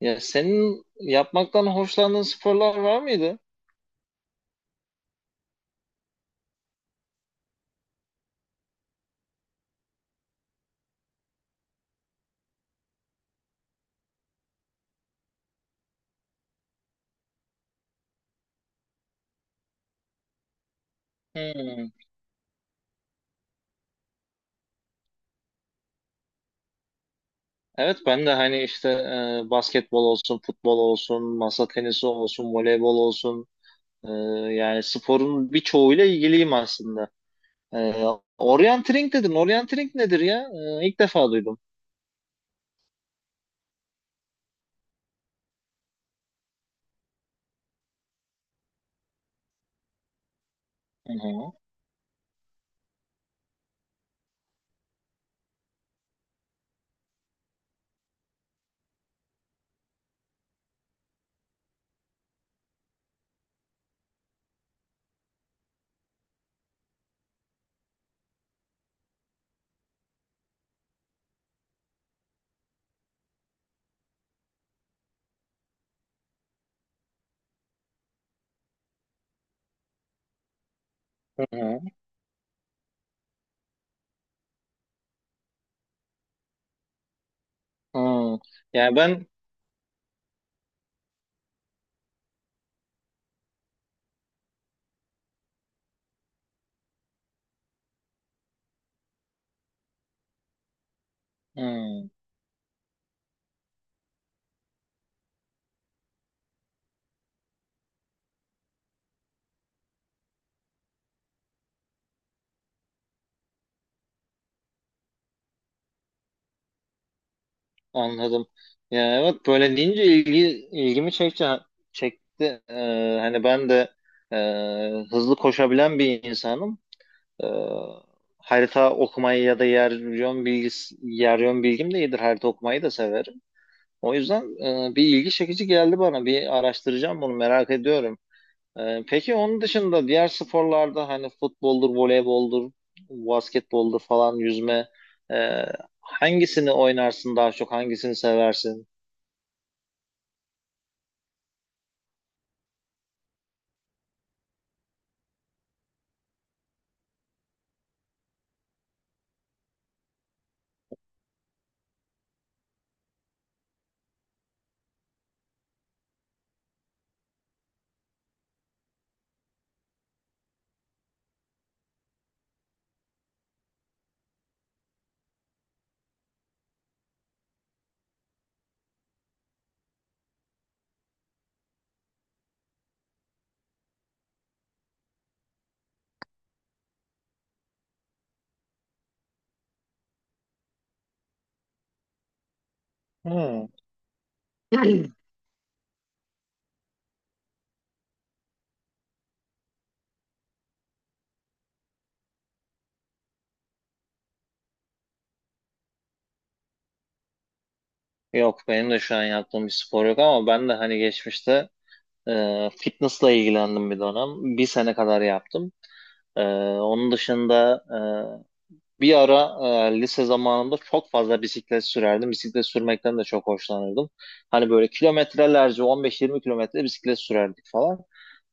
Ya senin yapmaktan hoşlandığın sporlar var mıydı? Hmm. Evet ben de hani işte basketbol olsun, futbol olsun, masa tenisi olsun, voleybol olsun, e, yani sporun birçoğuyla ilgiliyim aslında. E, Orientering dedin. Orientering nedir ya? İlk defa duydum. Hı hı. Hı hı. Hı. Yani ben Hı. Anladım. Ya evet böyle deyince ilgimi çekti. Hani ben de e, hızlı koşabilen bir insanım. Ee, Harita okumayı ya da yer yön bilgim de iyidir. Harita okumayı da severim. O yüzden bir ilgi çekici geldi bana. Bir araştıracağım, bunu merak ediyorum. Peki onun dışında diğer sporlarda hani futboldur, voleyboldur, basketboldur falan, yüzme, e, hangisini oynarsın daha çok, hangisini seversin? Hmm. Yok, benim de şu an yaptığım bir spor yok ama ben de hani geçmişte fitnessla ilgilendim bir dönem. Bir sene kadar yaptım. E, Onun dışında bir ara lise zamanımda çok fazla bisiklet sürerdim. Bisiklet sürmekten de çok hoşlanırdım. Hani böyle kilometrelerce 15-20 kilometre bisiklet sürerdik falan.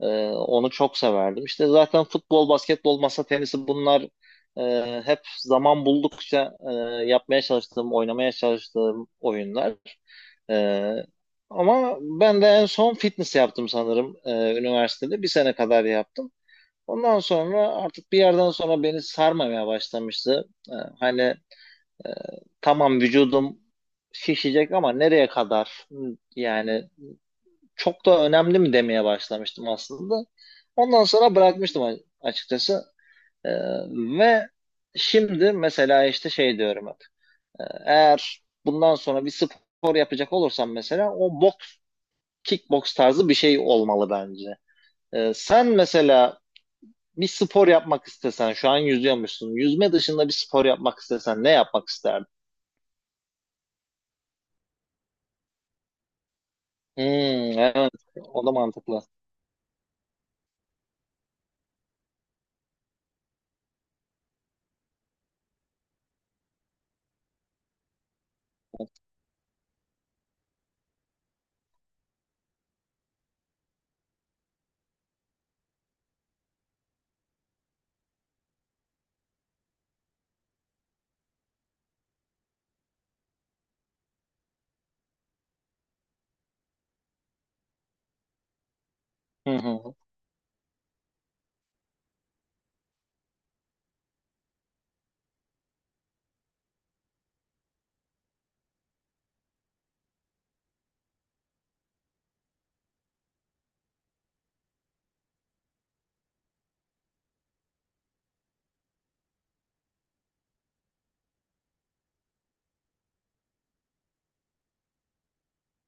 Onu çok severdim. İşte zaten futbol, basketbol, masa tenisi, bunlar hep zaman buldukça yapmaya çalıştığım, oynamaya çalıştığım oyunlar. Ee, Ama ben de en son fitness yaptım sanırım, üniversitede. Bir sene kadar yaptım. Ondan sonra artık bir yerden sonra beni sarmamaya başlamıştı. Hani, e, tamam, vücudum şişecek ama nereye kadar? Yani çok da önemli mi demeye başlamıştım aslında. Ondan sonra bırakmıştım açıkçası. Ee, Ve şimdi mesela işte şey diyorum hep. Eğer bundan sonra bir spor yapacak olursam mesela, o boks, kickboks tarzı bir şey olmalı bence. Sen mesela bir spor yapmak istesen, şu an yüzüyormuşsun. Yüzme dışında bir spor yapmak istesen ne yapmak isterdin? Hmm, evet, o da mantıklı. Hı hı,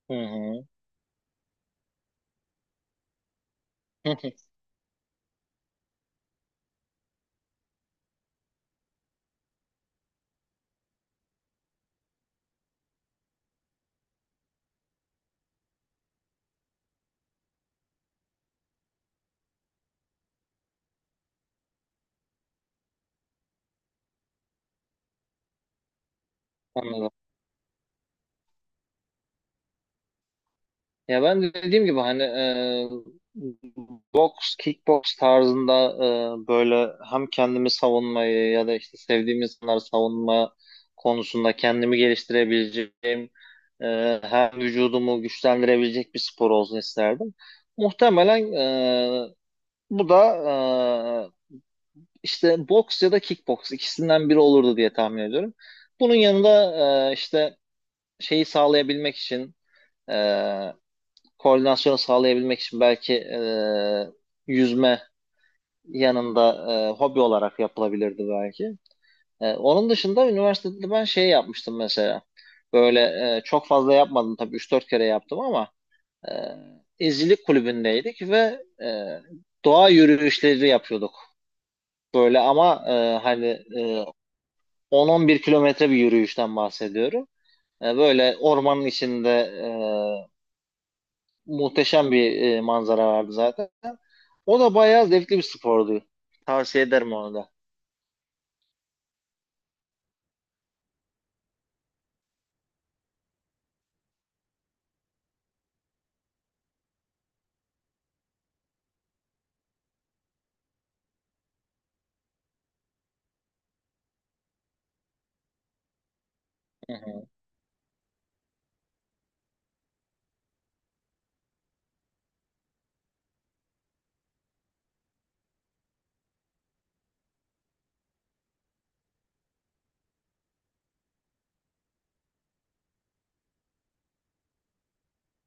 hı hı, hı hı. Anladım. Ya ben de dediğim gibi hani, boks, kickboks tarzında böyle hem kendimi savunmayı ya da işte sevdiğim insanları savunma konusunda kendimi geliştirebileceğim, hem vücudumu güçlendirebilecek bir spor olsun isterdim. Muhtemelen e, bu da e, işte boks ya da kickboks, ikisinden biri olurdu diye tahmin ediyorum. Bunun yanında işte şeyi sağlayabilmek için, e, koordinasyonu sağlayabilmek için, belki yüzme yanında hobi olarak yapılabilirdi belki. Onun dışında üniversitede ben şey yapmıştım mesela. Böyle, çok fazla yapmadım tabii, üç dört kere yaptım ama e, izcilik kulübündeydik ve doğa yürüyüşleri yapıyorduk. Böyle ama hani, e, 10-11 kilometre bir yürüyüşten bahsediyorum. Böyle ormanın içinde e, muhteşem bir manzara vardı zaten. O da bayağı zevkli bir spordu. Tavsiye ederim onu da. Hı hı.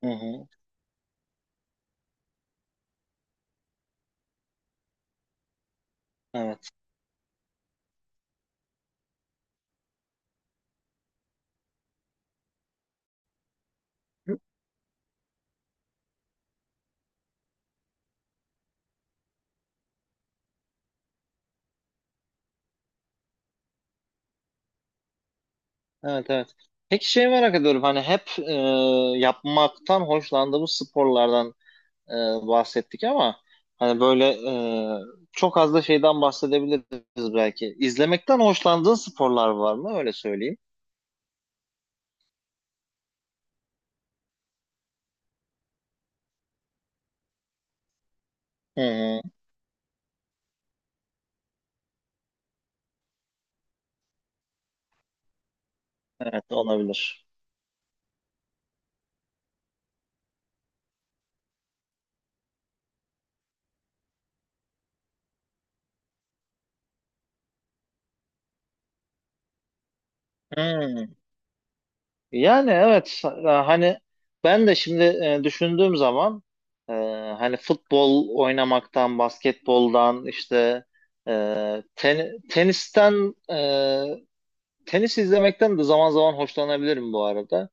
Hı hı. Evet. Evet, evet. Peki şey merak ediyorum, hani hep yapmaktan hoşlandığımız sporlardan e, bahsettik ama hani böyle çok az da şeyden bahsedebiliriz belki. İzlemekten hoşlandığın sporlar var mı? Öyle söyleyeyim. Hı hı. Evet, olabilir. Hı. Yani evet, hani ben de şimdi düşündüğüm zaman, e, hani futbol oynamaktan, basketboldan, işte e, tenisten, tenis izlemekten de zaman zaman hoşlanabilirim bu arada.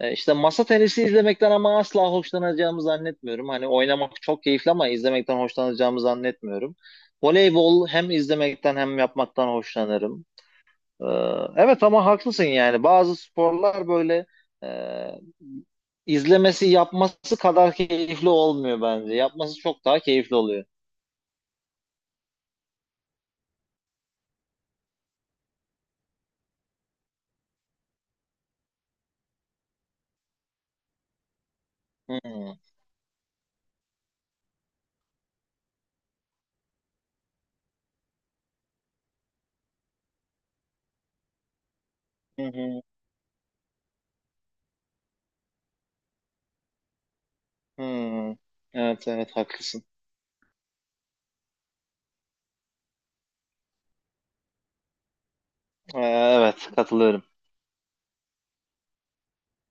İşte masa tenisi izlemekten ama asla hoşlanacağımı zannetmiyorum. Hani oynamak çok keyifli ama izlemekten hoşlanacağımı zannetmiyorum. Voleybol hem izlemekten hem yapmaktan hoşlanırım. Ee, Evet ama haklısın, yani bazı sporlar böyle, e, izlemesi yapması kadar keyifli olmuyor bence. Yapması çok daha keyifli oluyor. Hmm. Hı hı. Hmm. Evet, evet haklısın. Evet, katılıyorum.